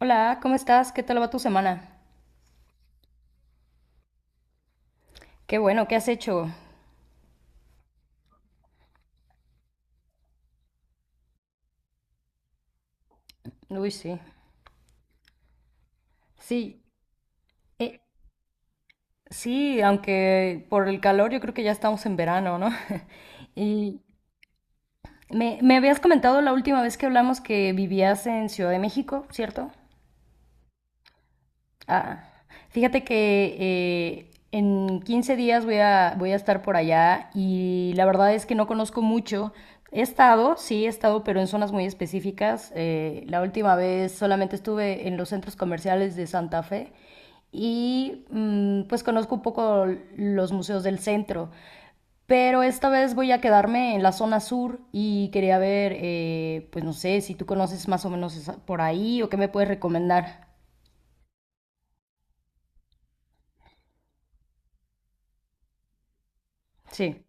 Hola, ¿cómo estás? ¿Qué tal va tu semana? Qué bueno, ¿qué has hecho? Uy, sí. Sí, eh, sí, aunque por el calor yo creo que ya estamos en verano, ¿no? Y me habías comentado la última vez que hablamos que vivías en Ciudad de México, ¿cierto? Ah, fíjate que en 15 días voy a estar por allá y la verdad es que no conozco mucho. He estado, sí, he estado, pero en zonas muy específicas. La última vez solamente estuve en los centros comerciales de Santa Fe y pues conozco un poco los museos del centro. Pero esta vez voy a quedarme en la zona sur y quería ver, pues no sé, si tú conoces más o menos por ahí o qué me puedes recomendar. Sí,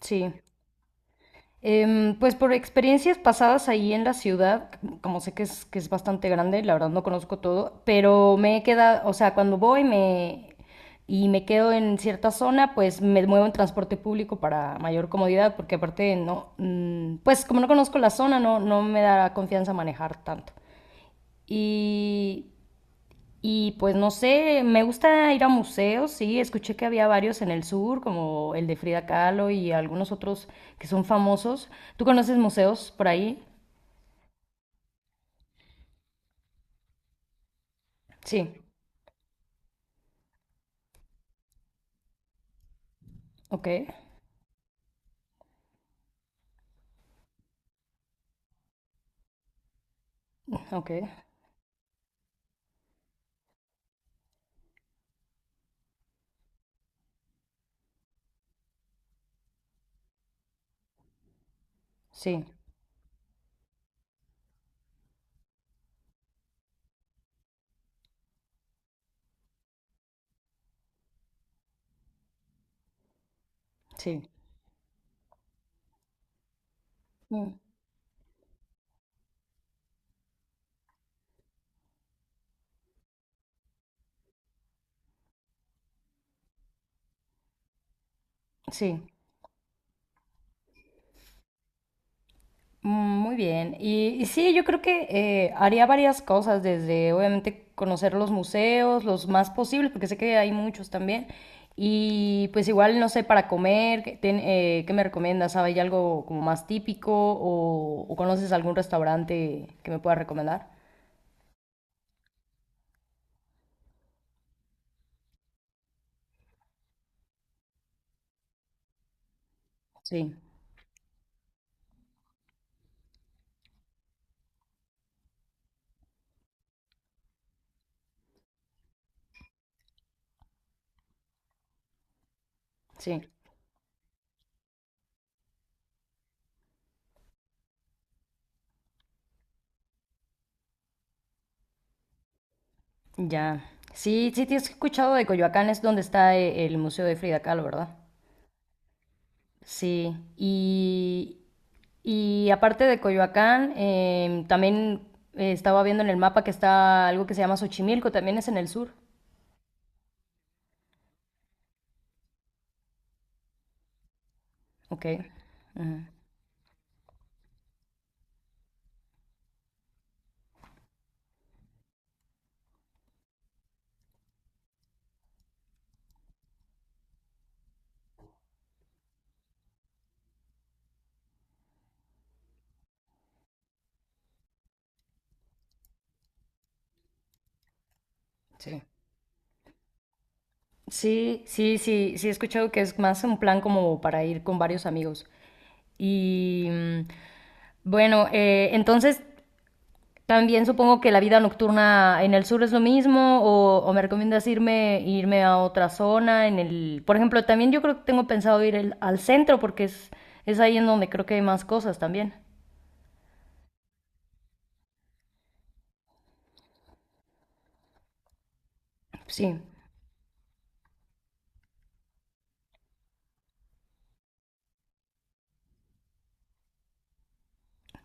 sí. Pues por experiencias pasadas ahí en la ciudad, como sé que es bastante grande, la verdad no conozco todo, pero me he quedado, o sea, cuando voy y me quedo en cierta zona, pues me muevo en transporte público para mayor comodidad, porque aparte no, pues como no conozco la zona, no me da confianza manejar tanto. Y y pues no sé, me gusta ir a museos, sí, escuché que había varios en el sur, como el de Frida Kahlo y algunos otros que son famosos. ¿Tú conoces museos por ahí? Sí, ok, ok, sí, sí, mm, sí. Mm, muy bien. Y sí, yo creo que haría varias cosas, desde obviamente conocer los museos, los más posibles, porque sé que hay muchos también. Y pues igual, no sé, para comer, ¿Qué me recomiendas? Sabes, ¿hay algo como más típico o, conoces algún restaurante que me pueda recomendar? Sí, sí, ya. Sí, sí, te has escuchado de Coyoacán, es donde está el Museo de Frida Kahlo, ¿verdad? Sí, y aparte de Coyoacán, también estaba viendo en el mapa que está algo que se llama Xochimilco, también es en el sur. Ok. Ujú. Sí. Sí, sí, sí, sí he escuchado que es más un plan como para ir con varios amigos. Y bueno, entonces también supongo que la vida nocturna en el sur es lo mismo o, me recomiendas irme a otra zona en el, por ejemplo, también yo creo que tengo pensado ir al centro porque es ahí en donde creo que hay más cosas también. Sí,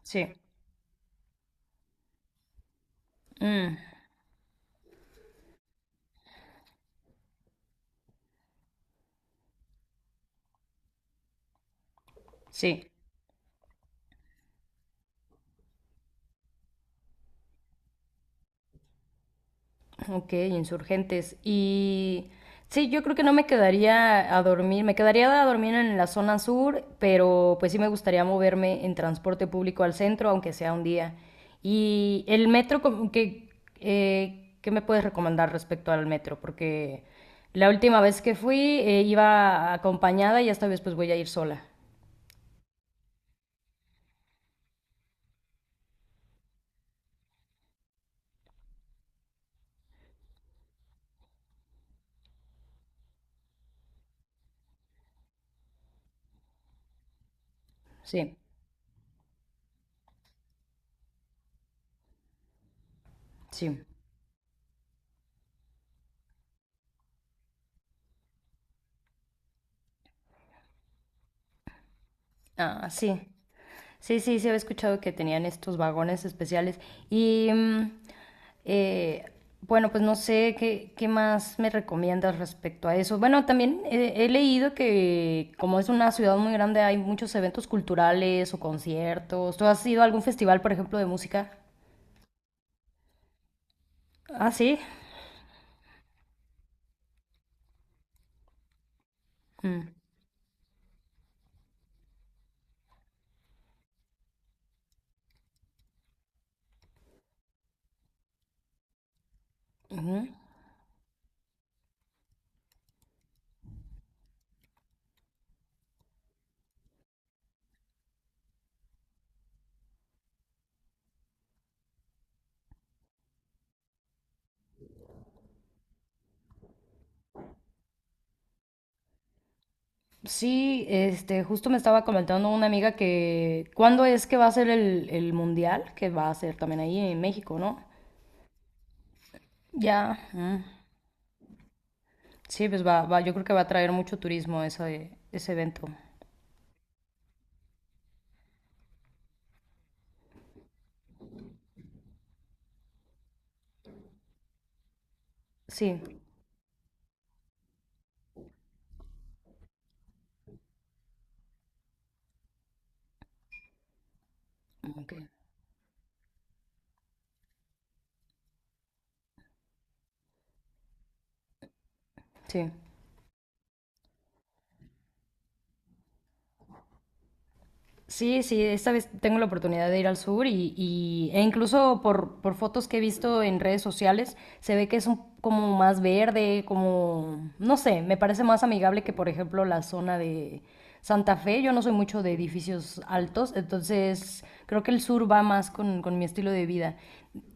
sí. Mm, sí. Ok, insurgentes. Y sí, yo creo que no me quedaría a dormir, me quedaría a dormir en la zona sur, pero pues sí me gustaría moverme en transporte público al centro, aunque sea un día. Y el metro, como que, ¿qué me puedes recomendar respecto al metro? Porque la última vez que fui iba acompañada y esta vez pues voy a ir sola. Sí, sí. Ah, sí. Sí, sí, sí, había escuchado que tenían estos vagones especiales. Y eh, bueno, pues no sé qué más me recomiendas respecto a eso. Bueno, también he leído que como es una ciudad muy grande hay muchos eventos culturales o conciertos. ¿Tú has ido a algún festival, por ejemplo, de música? Ah, sí. Mm. Sí, este, justo me estaba comentando una amiga que, ¿cuándo es que va a ser el mundial? Que va a ser también ahí en México, ¿no? Ya. Mm. Sí, pues va, yo creo que va a traer mucho turismo ese evento. Sí, ok, sí. Sí, sí, esta vez tengo la oportunidad de ir al sur e incluso por fotos que he visto en redes sociales, se ve que es como más verde, como, no sé, me parece más amigable que por ejemplo la zona de Santa Fe. Yo no soy mucho de edificios altos, entonces creo que el sur va más con mi estilo de vida.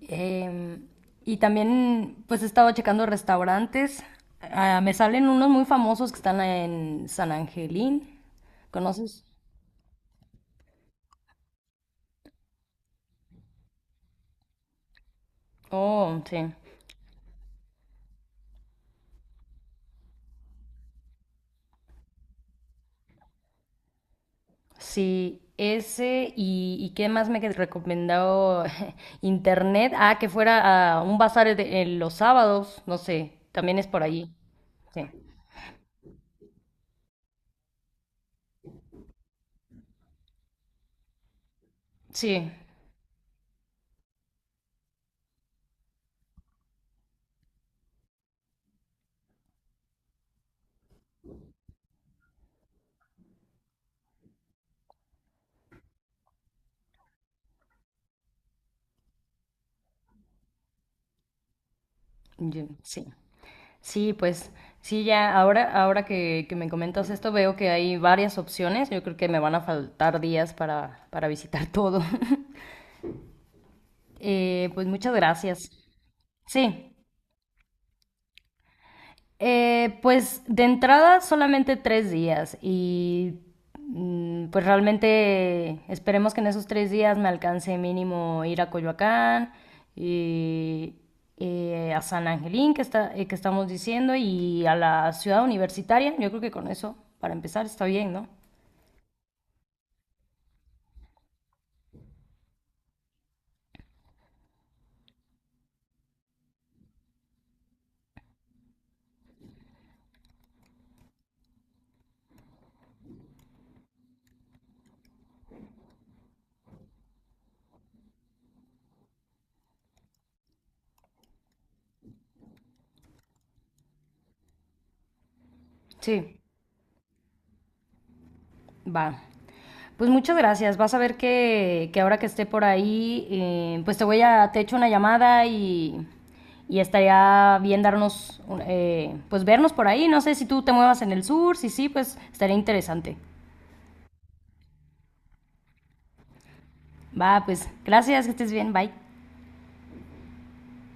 Em, y también pues he estado checando restaurantes. Ah, me salen unos muy famosos que están en San Angelín. ¿Conoces? Oh, sí. Sí, ese y qué más me que recomendado internet. Ah, que fuera a un bazar en los sábados, no sé, también es por allí. Sí, sí, sí. Sí, pues sí, ya ahora que me comentas esto veo que hay varias opciones. Yo creo que me van a faltar días para visitar todo. Pues muchas gracias. Sí. Pues de entrada solamente 3 días y pues realmente esperemos que en esos 3 días me alcance mínimo ir a Coyoacán y a San Angelín que estamos diciendo y a la ciudad universitaria. Yo creo que con eso, para empezar, está bien, ¿no? Sí, va. Pues muchas gracias. Vas a ver que ahora que esté por ahí, pues te echo una llamada y estaría bien pues vernos por ahí. No sé si tú te muevas en el sur, si sí, pues estaría interesante. Va, pues gracias, que estés bien, bye.